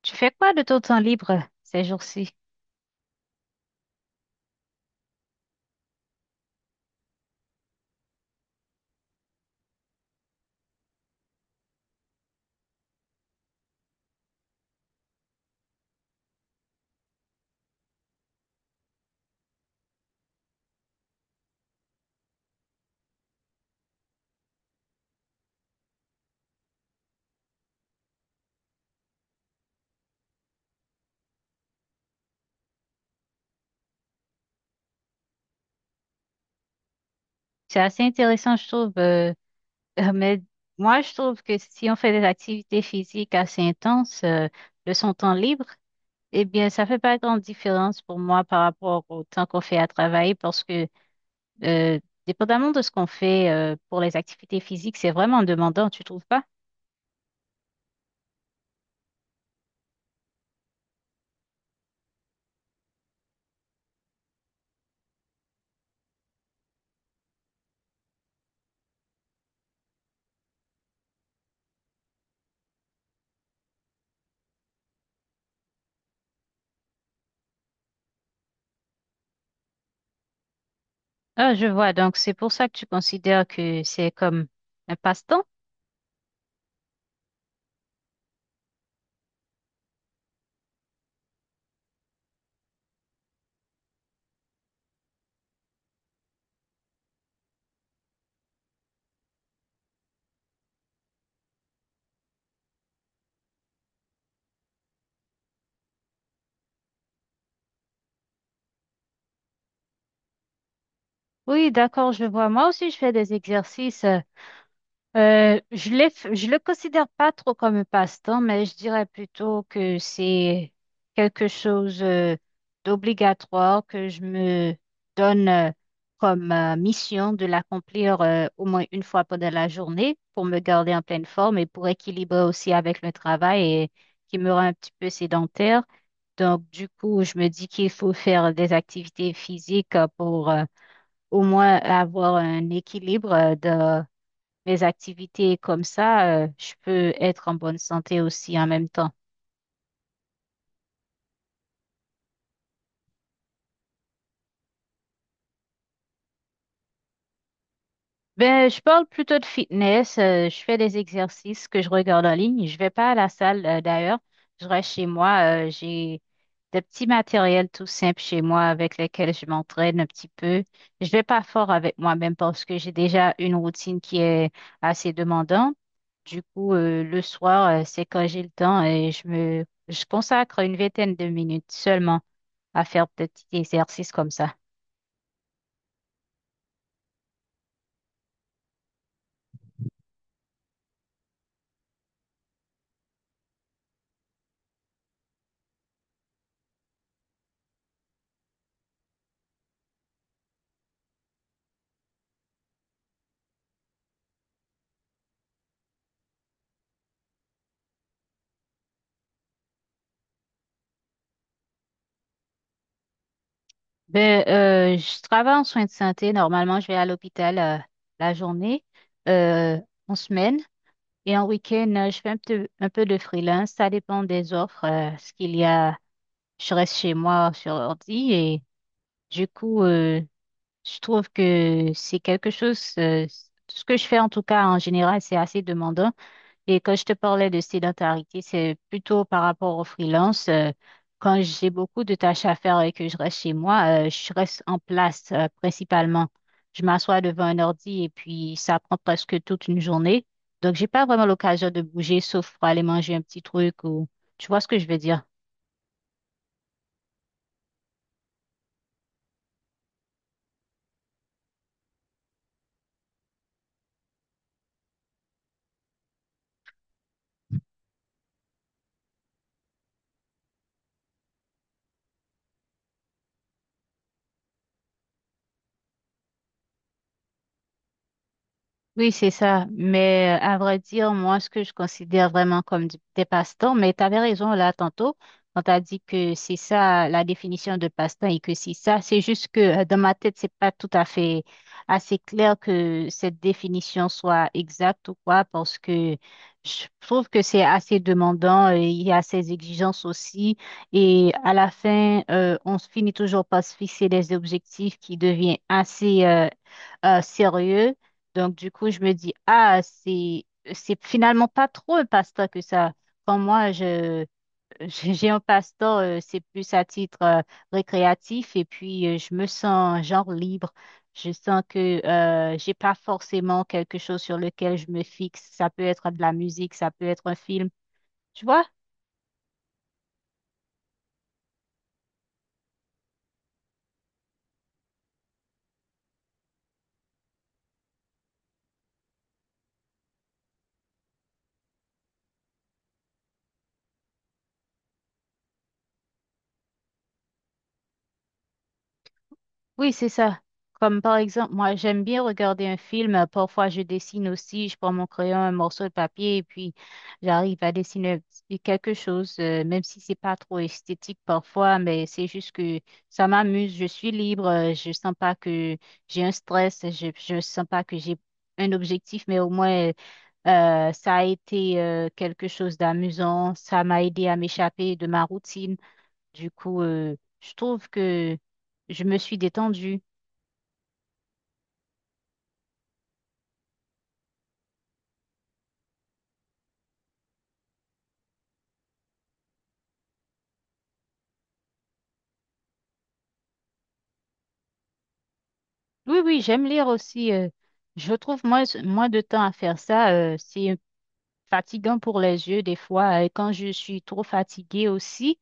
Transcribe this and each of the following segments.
Tu fais quoi de ton temps libre ces jours-ci? C'est assez intéressant, je trouve. Mais moi, je trouve que si on fait des activités physiques assez intenses, de son temps libre, eh bien, ça fait pas grande différence pour moi par rapport au temps qu'on fait à travailler parce que Euh, dépendamment de ce qu'on fait, pour les activités physiques, c'est vraiment demandant, tu trouves pas? Ah, je vois. Donc, c'est pour ça que tu considères que c'est comme un passe-temps? Oui, d'accord, je vois. Moi aussi, je fais des exercices. Euh, je l'ai, je le considère pas trop comme un passe-temps, mais je dirais plutôt que c'est quelque chose d'obligatoire que je me donne comme mission de l'accomplir, au moins une fois pendant la journée pour me garder en pleine forme et pour équilibrer aussi avec le travail et qui me rend un petit peu sédentaire. Donc, du coup, je me dis qu'il faut faire des activités physiques, pour au moins avoir un équilibre de mes activités comme ça, je peux être en bonne santé aussi en même temps. Ben, je parle plutôt de fitness. Je fais des exercices que je regarde en ligne. Je vais pas à la salle, d'ailleurs. Je reste chez moi. J'ai des petits matériels tout simples chez moi avec lesquels je m'entraîne un petit peu. Je vais pas fort avec moi-même parce que j'ai déjà une routine qui est assez demandante. Du coup, le soir, c'est quand j'ai le temps et je consacre une vingtaine de minutes seulement à faire peut-être des petits exercices comme ça. Ben, je travaille en soins de santé. Normalement, je vais à l'hôpital, la journée, euh, en semaine. Et en week-end, je fais un peu de freelance. Ça dépend des offres. Ce qu'il y a, je reste chez moi sur ordi. Et du coup, je trouve que c'est quelque chose, tout ce que je fais en tout cas en général, c'est assez demandant. Et quand je te parlais de sédentarité, c'est plutôt par rapport au freelance. Quand j'ai beaucoup de tâches à faire et que je reste chez moi, je reste en place, principalement. Je m'assois devant un ordi et puis ça prend presque toute une journée. Donc, j'ai pas vraiment l'occasion de bouger, sauf pour aller manger un petit truc ou tu vois ce que je veux dire. Oui, c'est ça. Mais à vrai dire, moi, ce que je considère vraiment comme des passe-temps, mais tu avais raison là tantôt, quand tu as dit que c'est ça la définition de passe-temps et que c'est ça, c'est juste que dans ma tête, c'est pas tout à fait assez clair que cette définition soit exacte ou quoi, parce que je trouve que c'est assez demandant, il y a ces exigences aussi, et à la fin, on se finit toujours par se fixer des objectifs qui deviennent assez sérieux. Donc, du coup, je me dis, ah, c'est finalement pas trop un pasteur que ça. Quand moi, je- J'ai un pasteur, c'est plus à titre récréatif et puis je me sens genre libre. Je sens que j'ai pas forcément quelque chose sur lequel je me fixe. Ça peut être de la musique, ça peut être un film. Tu vois? Oui, c'est ça. Comme par exemple, moi, j'aime bien regarder un film. Parfois, je dessine aussi. Je prends mon crayon, un morceau de papier, et puis j'arrive à dessiner quelque chose, même si c'est pas trop esthétique parfois, mais c'est juste que ça m'amuse. Je suis libre. Je sens pas que j'ai un stress. Je sens pas que j'ai un objectif, mais au moins, ça a été, quelque chose d'amusant. Ça m'a aidé à m'échapper de ma routine. Du coup, je trouve que je me suis détendue. Oui, oui, j'aime lire aussi. Je trouve moins de temps à faire ça. Euh, c'est fatigant pour les yeux des fois. Et quand je suis trop fatiguée aussi,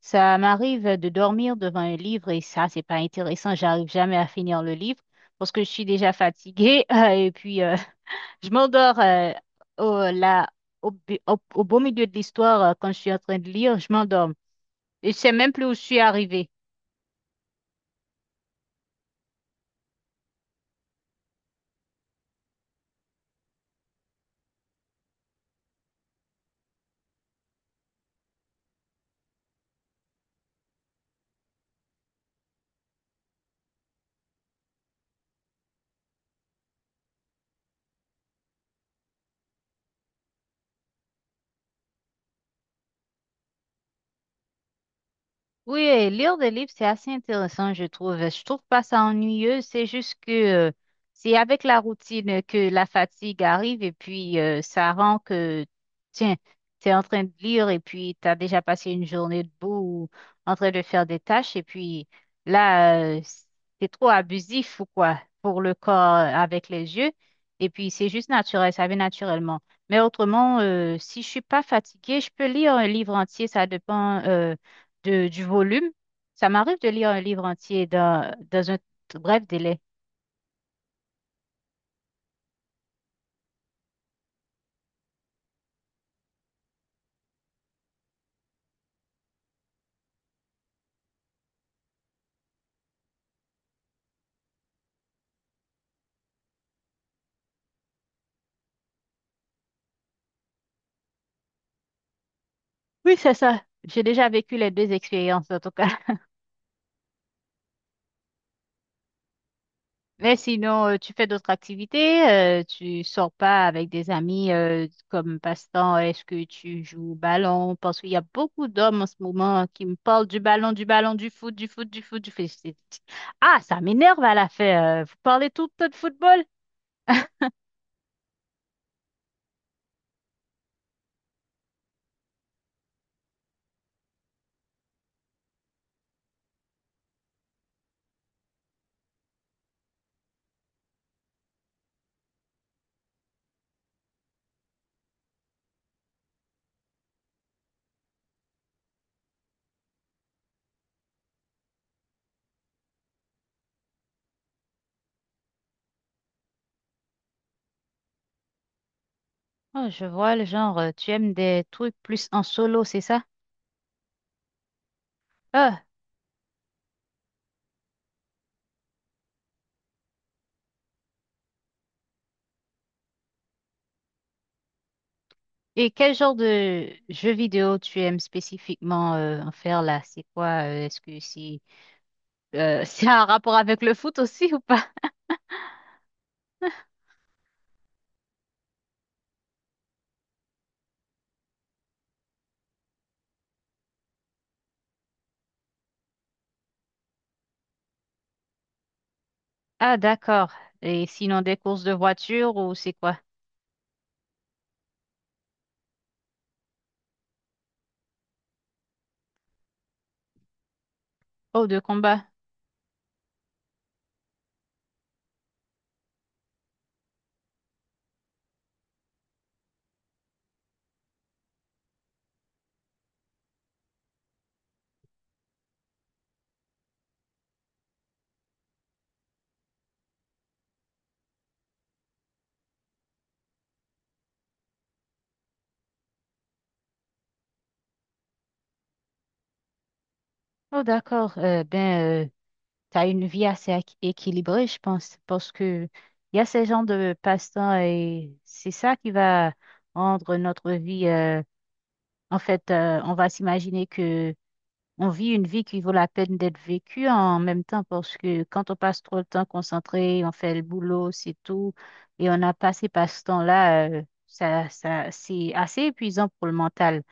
ça m'arrive de dormir devant un livre et ça, c'est pas intéressant. J'arrive jamais à finir le livre parce que je suis déjà fatiguée. Et puis, je m'endors au, là, au, bu- au- au beau milieu de l'histoire, quand je suis en train de lire. Je m'endors. Et je sais même plus où je suis arrivée. Oui, lire des livres, c'est assez intéressant, je trouve. Je trouve pas ça ennuyeux, c'est juste que euh, c'est avec la routine que la fatigue arrive et puis ça rend que, tiens, tu es en train de lire et puis tu as déjà passé une journée debout ou en train de faire des tâches et puis là, c'est trop abusif ou quoi pour le corps, avec les yeux, et puis c'est juste naturel, ça vient naturellement. Mais autrement, si je suis pas fatiguée, je peux lire un livre entier, ça dépend du volume. Ça m'arrive de lire un livre entier dans un bref délai. Oui, c'est ça. J'ai déjà vécu les deux expériences, en tout cas. Mais sinon, tu fais d'autres activités, tu sors pas avec des amis comme passe-temps. Est-ce que tu joues au ballon? Parce qu'il y a beaucoup d'hommes en ce moment qui me parlent du ballon, du ballon, du foot, du foot, du foot, du foot. C'est- ah, ça m'énerve à la fin. Vous parlez tout le temps de football? Oh, je vois le genre, tu aimes des trucs plus en solo, c'est ça? Ah, et quel genre de jeu vidéo tu aimes spécifiquement, en faire là? C'est quoi? Euh, est-ce que c'est c'est un rapport avec le foot aussi ou pas? Ah d'accord. Et sinon des courses de voiture ou c'est quoi? Oh de combat. Oh d'accord. Ben t'as une vie assez équilibrée je pense parce que il y a ces genres de passe-temps et c'est ça qui va rendre notre vie. Euh, en fait, on va s'imaginer que On vit une vie qui vaut la peine d'être vécue en même temps parce que quand on passe trop de temps concentré, on fait le boulot, c'est tout, et on a passé par ce temps-là, ça, c'est assez épuisant pour le mental.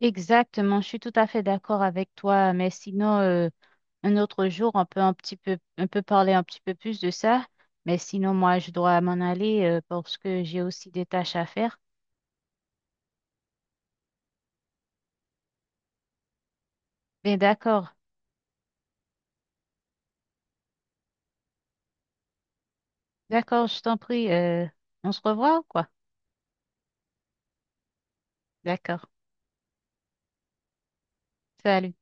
Exactement, je suis tout à fait d'accord avec toi, mais sinon, un autre jour, on peut parler un petit peu plus de ça, mais sinon, moi, je dois m'en aller, parce que j'ai aussi des tâches à faire. Mais d'accord, d'accord, je t'en prie, on se revoit ou quoi? D'accord, salut.